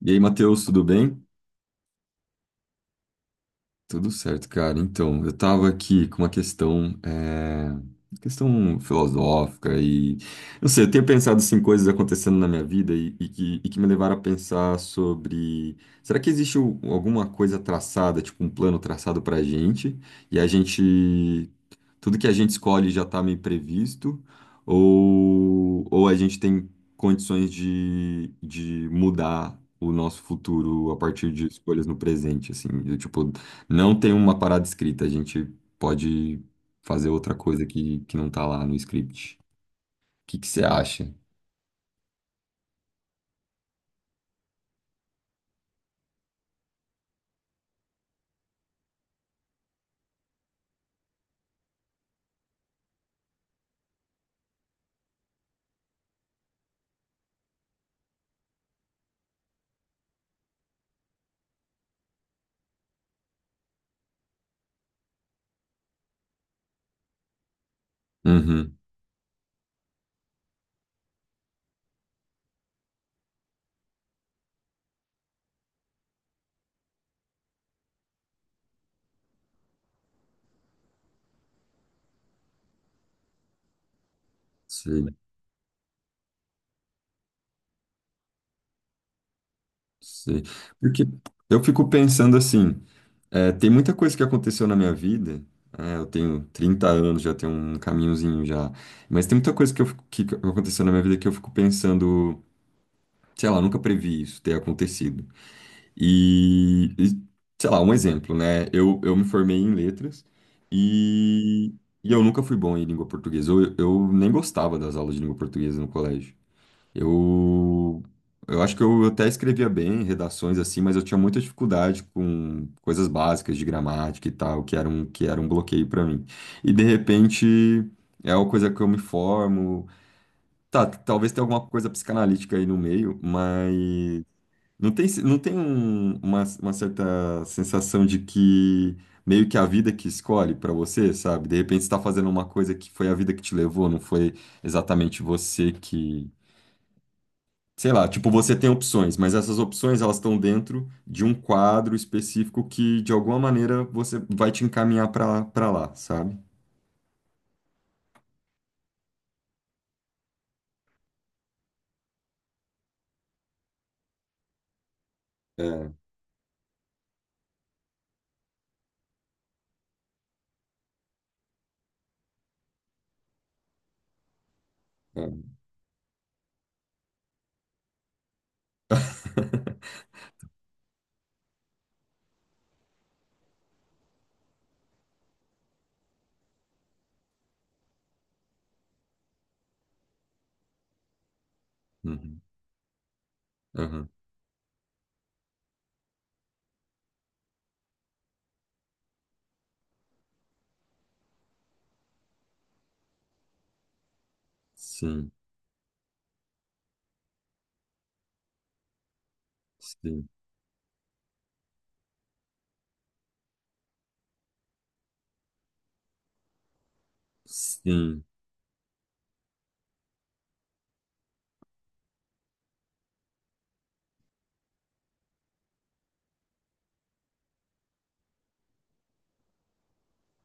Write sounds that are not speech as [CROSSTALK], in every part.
E aí, Matheus, tudo bem? Tudo certo, cara. Então, eu tava aqui com uma questão, questão filosófica não sei, eu tenho pensado assim, coisas acontecendo na minha vida e que me levaram a pensar sobre, será que existe alguma coisa traçada, tipo um plano traçado pra gente. Tudo que a gente escolhe já tá meio previsto ou a gente tem condições de mudar o nosso futuro a partir de escolhas no presente, assim, do tipo não tem uma parada escrita, a gente pode fazer outra coisa que não tá lá no script. O que que você acha? Uhum, sei, sei. Porque eu fico pensando assim, tem muita coisa que aconteceu na minha vida, eu tenho 30 anos, já tenho um caminhozinho já, mas tem muita coisa que, que aconteceu na minha vida que eu fico pensando, sei lá, nunca previ isso ter acontecido. E, e, sei lá, um exemplo, né? Eu me formei em letras e, e eu nunca fui bom em língua portuguesa. Eu nem gostava das aulas de língua portuguesa no colégio. Eu, eu acho que eu até escrevia bem redações assim, mas eu tinha muita dificuldade com coisas básicas de gramática e tal, que era um bloqueio para mim. E de repente é uma coisa que eu me formo. Tá, talvez tenha alguma coisa psicanalítica aí no meio, mas. Não tem, não tem uma certa sensação de que meio que a vida que escolhe pra você, sabe? De repente você tá fazendo uma coisa que foi a vida que te levou, não foi exatamente você que. Sei lá, tipo, você tem opções, mas essas opções elas estão dentro de um quadro específico que de alguma maneira você vai te encaminhar pra para lá, sabe? É, é. [LAUGHS] Uhum, uhum. Sim, sim, sim,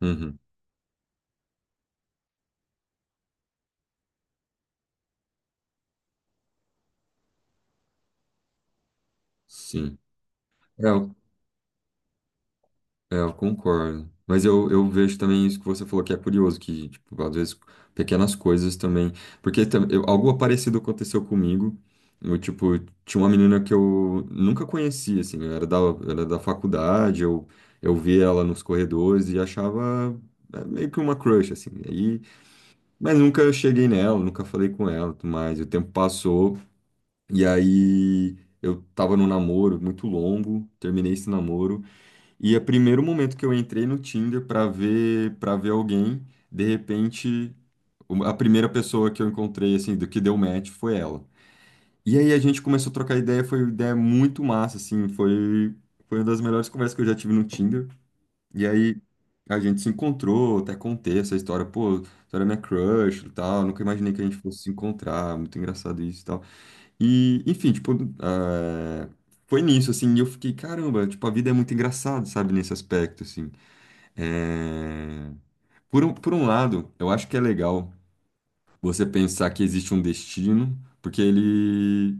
uhum, sim. É, é, eu concordo. Mas eu vejo também isso que você falou, que é curioso, que, tipo, às vezes pequenas coisas também. Porque algo parecido aconteceu comigo. Eu, tipo, tinha uma menina que eu nunca conhecia, assim, era da faculdade, eu via ela nos corredores e achava meio que uma crush, assim. E aí, mas nunca eu cheguei nela, nunca falei com ela, e tudo mais. O tempo passou e aí eu tava num namoro muito longo, terminei esse namoro. E é o primeiro momento que eu entrei no Tinder para ver alguém, de repente, a primeira pessoa que eu encontrei assim, do que deu match foi ela. E aí a gente começou a trocar ideia, foi uma ideia muito massa assim, foi uma das melhores conversas que eu já tive no Tinder. E aí a gente se encontrou, até contei essa história, pô, você era minha crush e tal, nunca imaginei que a gente fosse se encontrar, muito engraçado isso e tal. E, enfim, tipo, eh, foi nisso, assim, e eu fiquei, caramba, tipo, a vida é muito engraçada, sabe, nesse aspecto, assim. É, Por um lado, eu acho que é legal você pensar que existe um destino, porque ele.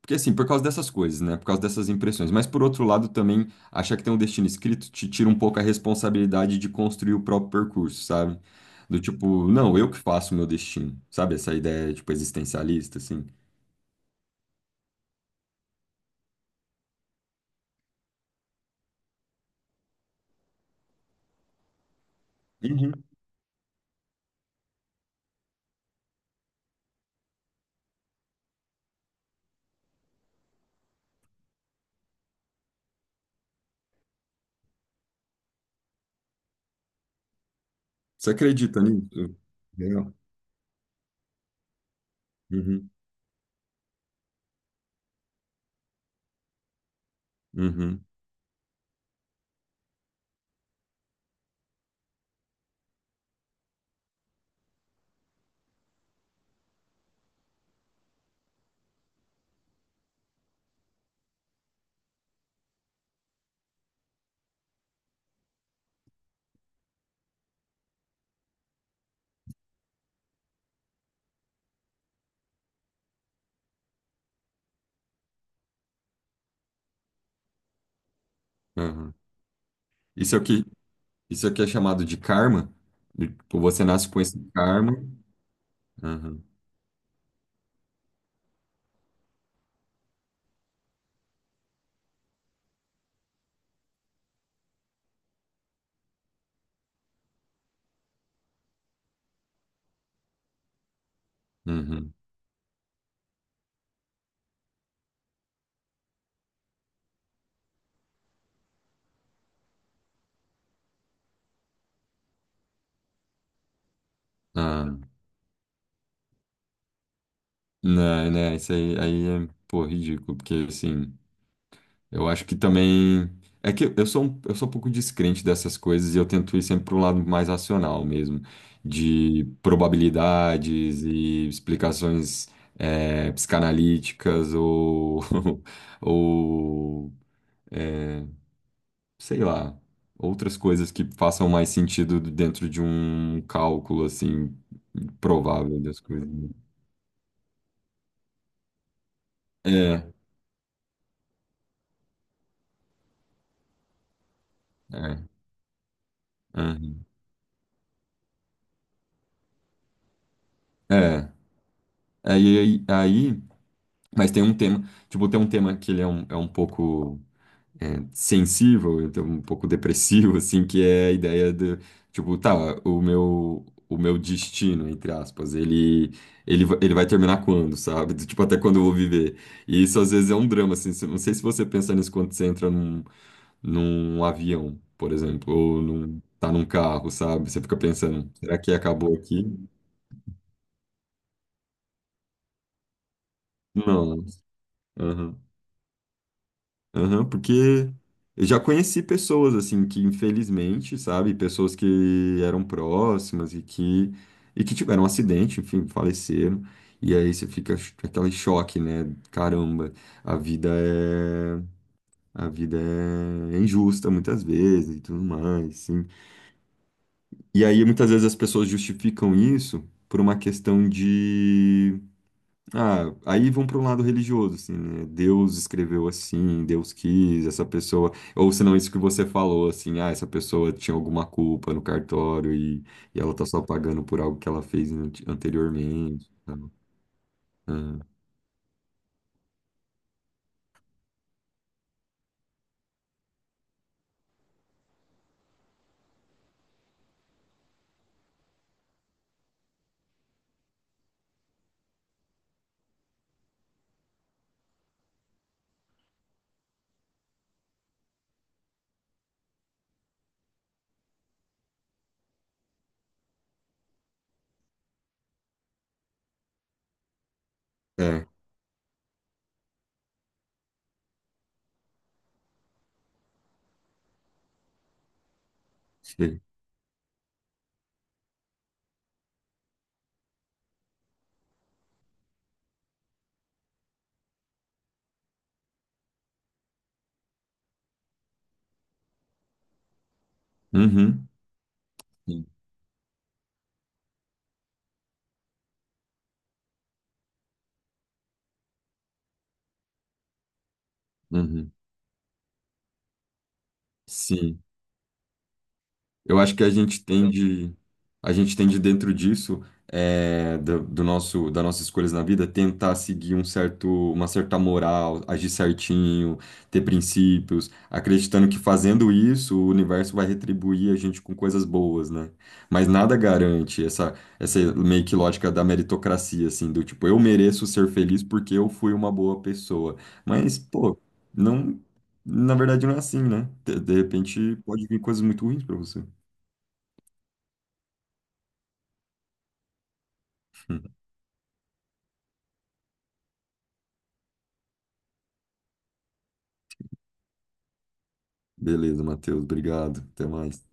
Porque assim, por causa dessas coisas, né? Por causa dessas impressões. Mas por outro lado, também achar que tem um destino escrito te tira um pouco a responsabilidade de construir o próprio percurso, sabe? Do tipo, não, eu que faço o meu destino, sabe? Essa ideia, tipo, existencialista, assim. Uhum. Você acredita nisso? Legal. Uhum, uhum, uhum. Isso é o que, Isso aqui é chamado de karma? Tipo, você nasce com esse karma. Aham, uhum. Ah, não, né, isso aí, aí é, pô, ridículo, porque assim, eu acho que também. É que eu sou um pouco descrente dessas coisas e eu tento ir sempre para um lado mais racional mesmo, de probabilidades e explicações psicanalíticas ou, [LAUGHS] ou eh, sei lá, outras coisas que façam mais sentido dentro de um cálculo, assim, provável das coisas. Né? É, é, uhum. É. Aí, aí, aí- mas tem um tema, tipo, tem um tema que ele é um pouco. É, sensível, então um pouco depressivo, [LAUGHS] assim, que é a ideia do, tipo, tá, o meu destino, entre aspas, ele, ele vai terminar quando, sabe? [LAUGHS] Do tipo, até quando eu vou viver. E isso às vezes é um drama, assim, não sei se você pensa nisso quando você entra num, num avião, por exemplo, ou num, tá num carro, sabe? Você fica pensando, será que acabou aqui? Não. Aham, porque eu já conheci pessoas assim que infelizmente, sabe, pessoas que eram próximas e que tiveram um acidente, enfim, faleceram. E aí você fica aquele choque, né? Caramba, a vida é a vida é injusta muitas vezes e tudo mais, sim. E aí muitas vezes as pessoas justificam isso por uma questão, ah, aí vão para um lado religioso, assim, né? Deus escreveu assim, Deus quis, essa pessoa. Ou senão isso que você falou, assim, ah, essa pessoa tinha alguma culpa no cartório e ela tá só pagando por algo que ela fez anteriormente. Tá? Ah, é, sei. Uhum. Sim. Uhum. Sim. Eu acho que a gente tende dentro disso, do, do nosso, das nossas escolhas na vida, tentar seguir um certo, uma certa moral, agir certinho, ter princípios, acreditando que fazendo isso, o universo vai retribuir a gente com coisas boas, né? Mas nada garante essa, essa meio que lógica da meritocracia, assim, do tipo, eu mereço ser feliz porque eu fui uma boa pessoa. Mas, pô, não, na verdade não é assim, né? De repente pode vir coisas muito ruins pra você. Beleza, Matheus. Obrigado. Até mais.